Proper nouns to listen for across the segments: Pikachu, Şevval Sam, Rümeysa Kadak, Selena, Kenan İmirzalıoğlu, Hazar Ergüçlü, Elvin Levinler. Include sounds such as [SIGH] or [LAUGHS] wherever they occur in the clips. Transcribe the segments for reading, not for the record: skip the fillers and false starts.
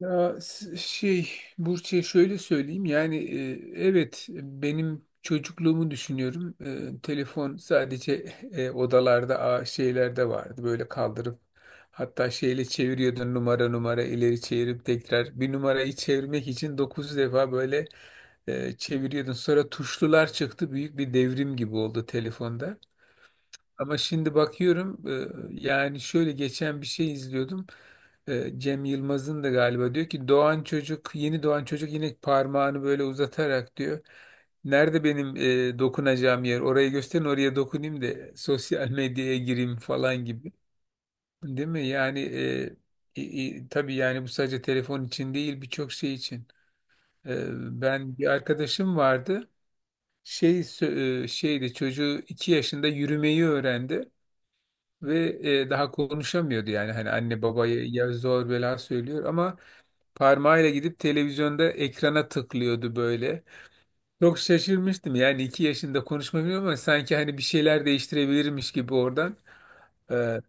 Ya, Burç'e şöyle söyleyeyim, yani evet, benim çocukluğumu düşünüyorum. Telefon sadece [LAUGHS] odalarda, şeylerde vardı, böyle kaldırıp hatta şeyle çeviriyordun, numara numara ileri çevirip tekrar bir numarayı çevirmek için 9 defa böyle çeviriyordun. Sonra tuşlular çıktı, büyük bir devrim gibi oldu telefonda. Ama şimdi bakıyorum, yani şöyle, geçen bir şey izliyordum. Cem Yılmaz'ın da galiba, diyor ki doğan çocuk, yeni doğan çocuk, yine parmağını böyle uzatarak diyor: "Nerede benim dokunacağım yer? Orayı gösterin, oraya dokunayım da sosyal [LAUGHS] medyaya gireyim," falan gibi. Değil mi? Yani i- tabii, yani bu sadece telefon için değil, birçok şey için. E, Ben bir arkadaşım vardı. Şeydi, çocuğu 2 yaşında yürümeyi öğrendi ve daha konuşamıyordu, yani hani anne babaya ya zor bela söylüyor, ama parmağıyla gidip televizyonda ekrana tıklıyordu böyle. Çok şaşırmıştım yani, 2 yaşında konuşmamıyor ama sanki hani bir şeyler değiştirebilirmiş gibi oradan. Ee,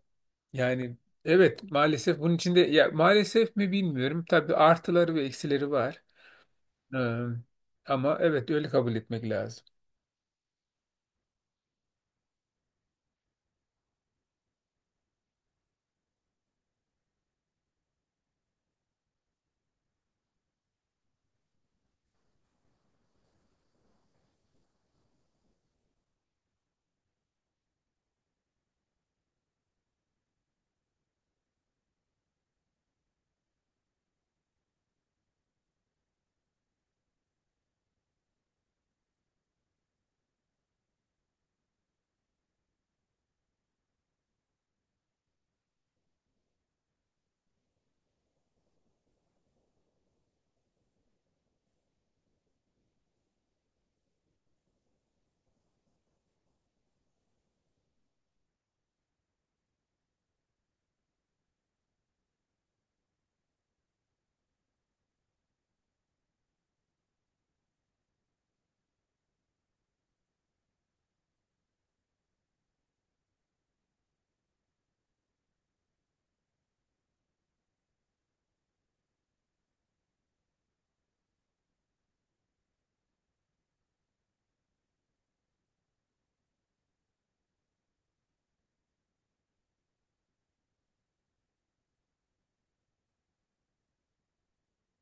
Yani evet, maalesef bunun içinde, ya maalesef mi bilmiyorum, tabii artıları ve eksileri var. Ee, Ama evet, öyle kabul etmek lazım.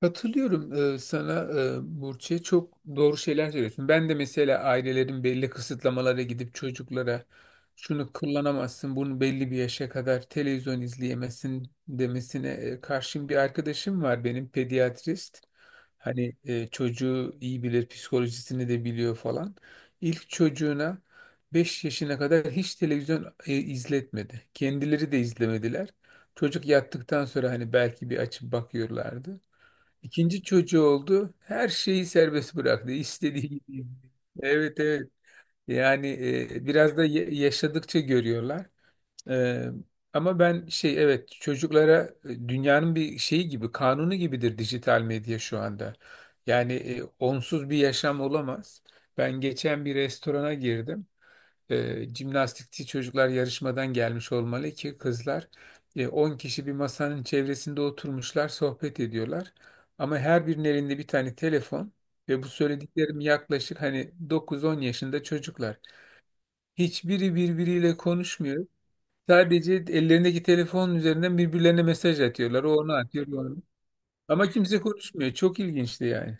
Katılıyorum sana, Burçe. Çok doğru şeyler söylüyorsun. Ben de mesela ailelerin belli kısıtlamalara gidip çocuklara, "Şunu kullanamazsın, bunu belli bir yaşa kadar televizyon izleyemezsin," demesine karşın, bir arkadaşım var benim, pediatrist. Hani çocuğu iyi bilir, psikolojisini de biliyor falan. İlk çocuğuna 5 yaşına kadar hiç televizyon izletmedi. Kendileri de izlemediler. Çocuk yattıktan sonra hani belki bir açıp bakıyorlardı. İkinci çocuğu oldu. Her şeyi serbest bıraktı, İstediği gibi. Evet, evet. Yani biraz da yaşadıkça görüyorlar. E, Ama ben, şey, evet, çocuklara dünyanın bir şeyi gibi, kanunu gibidir dijital medya şu anda. Yani onsuz bir yaşam olamaz. Ben geçen bir restorana girdim, jimnastikçi çocuklar yarışmadan gelmiş olmalı ki, kızlar 10 kişi bir masanın çevresinde oturmuşlar, sohbet ediyorlar. Ama her birinin elinde bir tane telefon, ve bu söylediklerim yaklaşık hani 9-10 yaşında çocuklar. Hiçbiri birbiriyle konuşmuyor. Sadece ellerindeki telefonun üzerinden birbirlerine mesaj atıyorlar. O ona atıyor, o ona. Ama kimse konuşmuyor. Çok ilginçti yani.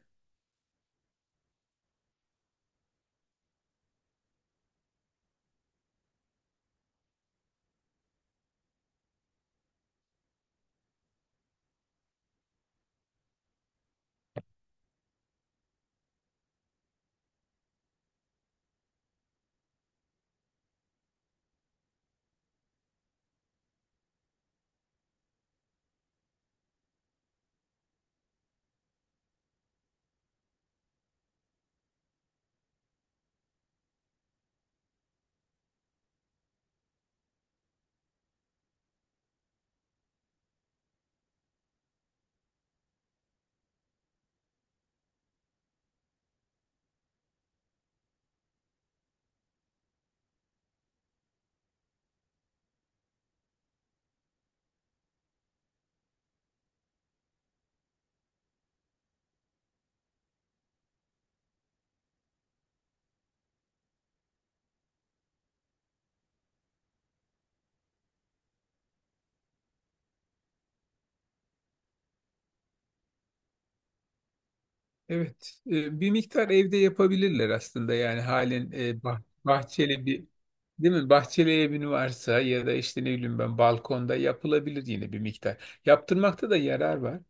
Evet, bir miktar evde yapabilirler aslında, yani halen bahçeli bir, değil mi? Bahçeli evin varsa, ya da işte ne bileyim ben, balkonda yapılabilir yine bir miktar. Yaptırmakta da yarar var.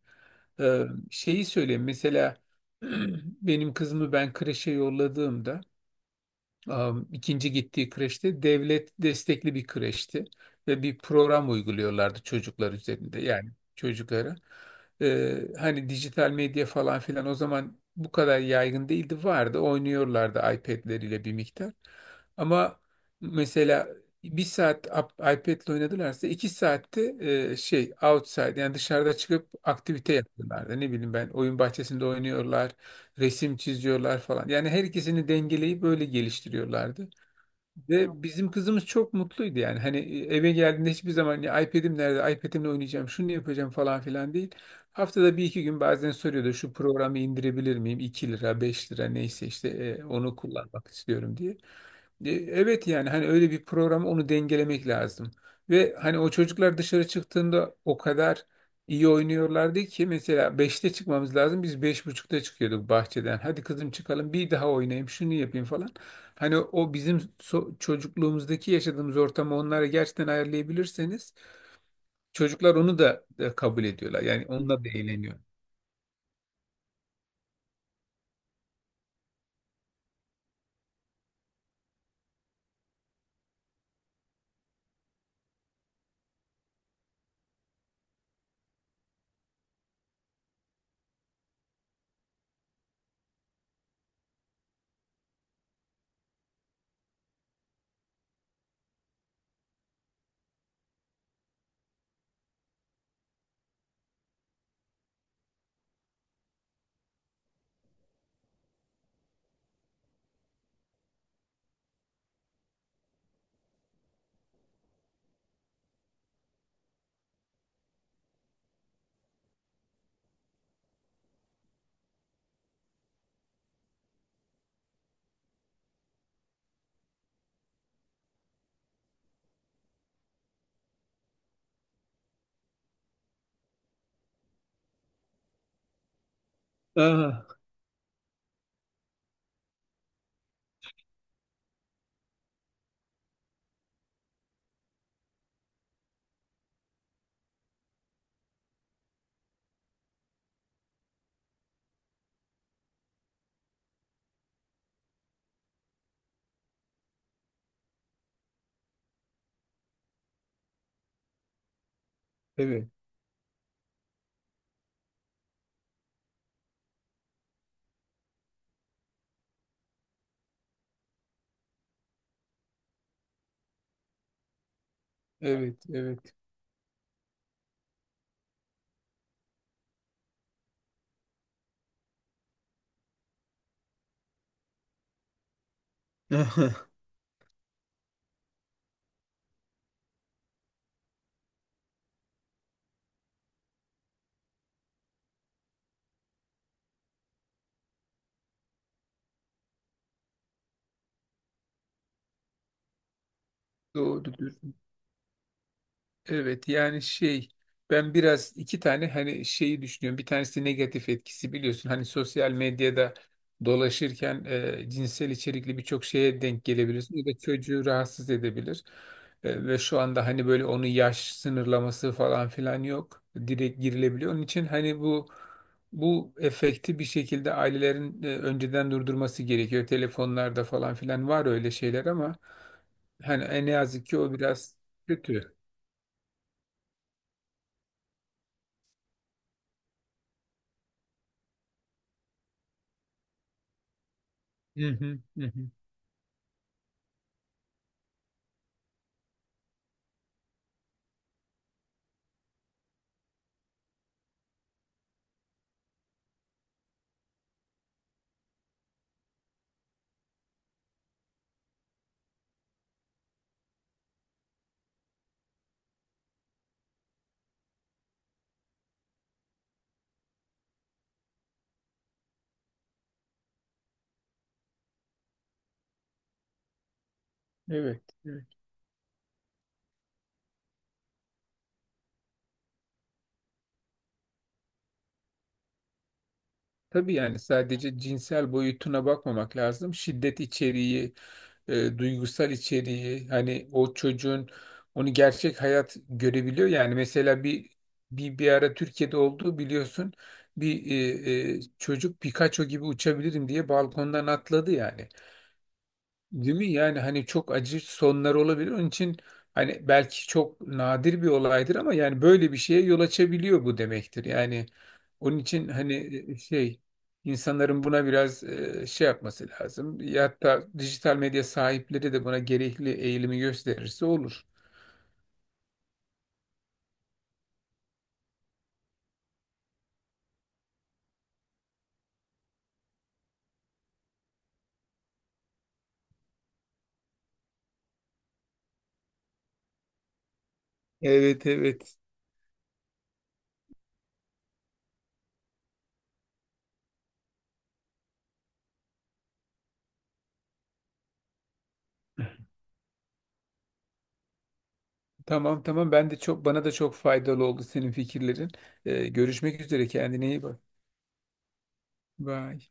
E, Şeyi söyleyeyim mesela. [CLEARS THROAT] Benim kızımı ben kreşe yolladığımda, ikinci gittiği kreşte, devlet destekli bir kreşti, ve bir program uyguluyorlardı çocuklar üzerinde, yani çocuklara. Hani dijital medya falan filan o zaman bu kadar yaygın değildi, vardı, oynuyorlardı iPad'leriyle bir miktar. Ama mesela 1 saat iPad'le oynadılarsa, 2 saatte outside, yani dışarıda çıkıp aktivite yapıyorlardı. Ne bileyim ben, oyun bahçesinde oynuyorlar, resim çiziyorlar falan. Yani her ikisini dengeleyip böyle geliştiriyorlardı. Ve bizim kızımız çok mutluydu yani. Hani eve geldiğinde hiçbir zaman, "Ya iPad'im nerede? iPad'imle oynayacağım, şunu yapacağım," falan filan değil. Haftada bir iki gün bazen soruyordu, "Şu programı indirebilir miyim? 2 lira, 5 lira, neyse işte, onu kullanmak istiyorum," diye. Evet, yani hani öyle bir programı, onu dengelemek lazım. Ve hani o çocuklar dışarı çıktığında o kadar iyi oynuyorlardı ki, mesela 5'te çıkmamız lazım, biz 5 buçukta çıkıyorduk bahçeden. "Hadi kızım çıkalım." "Bir daha oynayayım, şunu yapayım," falan. Hani o bizim çocukluğumuzdaki yaşadığımız ortamı onlara gerçekten ayarlayabilirseniz, çocuklar onu da kabul ediyorlar. Yani onunla da eğleniyor. Aha, evet, evet, evet. [LAUGHS] Doğrudur. Evet, yani şey, ben biraz 2 tane hani şeyi düşünüyorum. Bir tanesi negatif etkisi, biliyorsun. Hani sosyal medyada dolaşırken, cinsel içerikli birçok şeye denk gelebilirsin. Bu da çocuğu rahatsız edebilir. Ve şu anda hani böyle onun yaş sınırlaması falan filan yok. Direkt girilebiliyor. Onun için hani bu efekti bir şekilde ailelerin önceden durdurması gerekiyor. Telefonlarda falan filan var öyle şeyler ama, hani en yazık ki o biraz kötü. Hı hı, hı hı. Evet, evet. Tabii, yani sadece cinsel boyutuna bakmamak lazım. Şiddet içeriği, duygusal içeriği, hani o çocuğun, onu gerçek hayat görebiliyor. Yani mesela bir ara Türkiye'de olduğu, biliyorsun. Bir çocuk, "Pikachu gibi uçabilirim," diye balkondan atladı yani. Değil mi? Yani hani çok acı sonlar olabilir. Onun için hani, belki çok nadir bir olaydır ama yani böyle bir şeye yol açabiliyor bu demektir. Yani onun için hani e, şey insanların buna biraz şey yapması lazım. Ya hatta dijital medya sahipleri de buna gerekli eğilimi gösterirse olur. Evet, evet. Tamam, tamam. Ben de çok, bana da çok faydalı oldu senin fikirlerin. Görüşmek üzere, kendine iyi bak. Bye.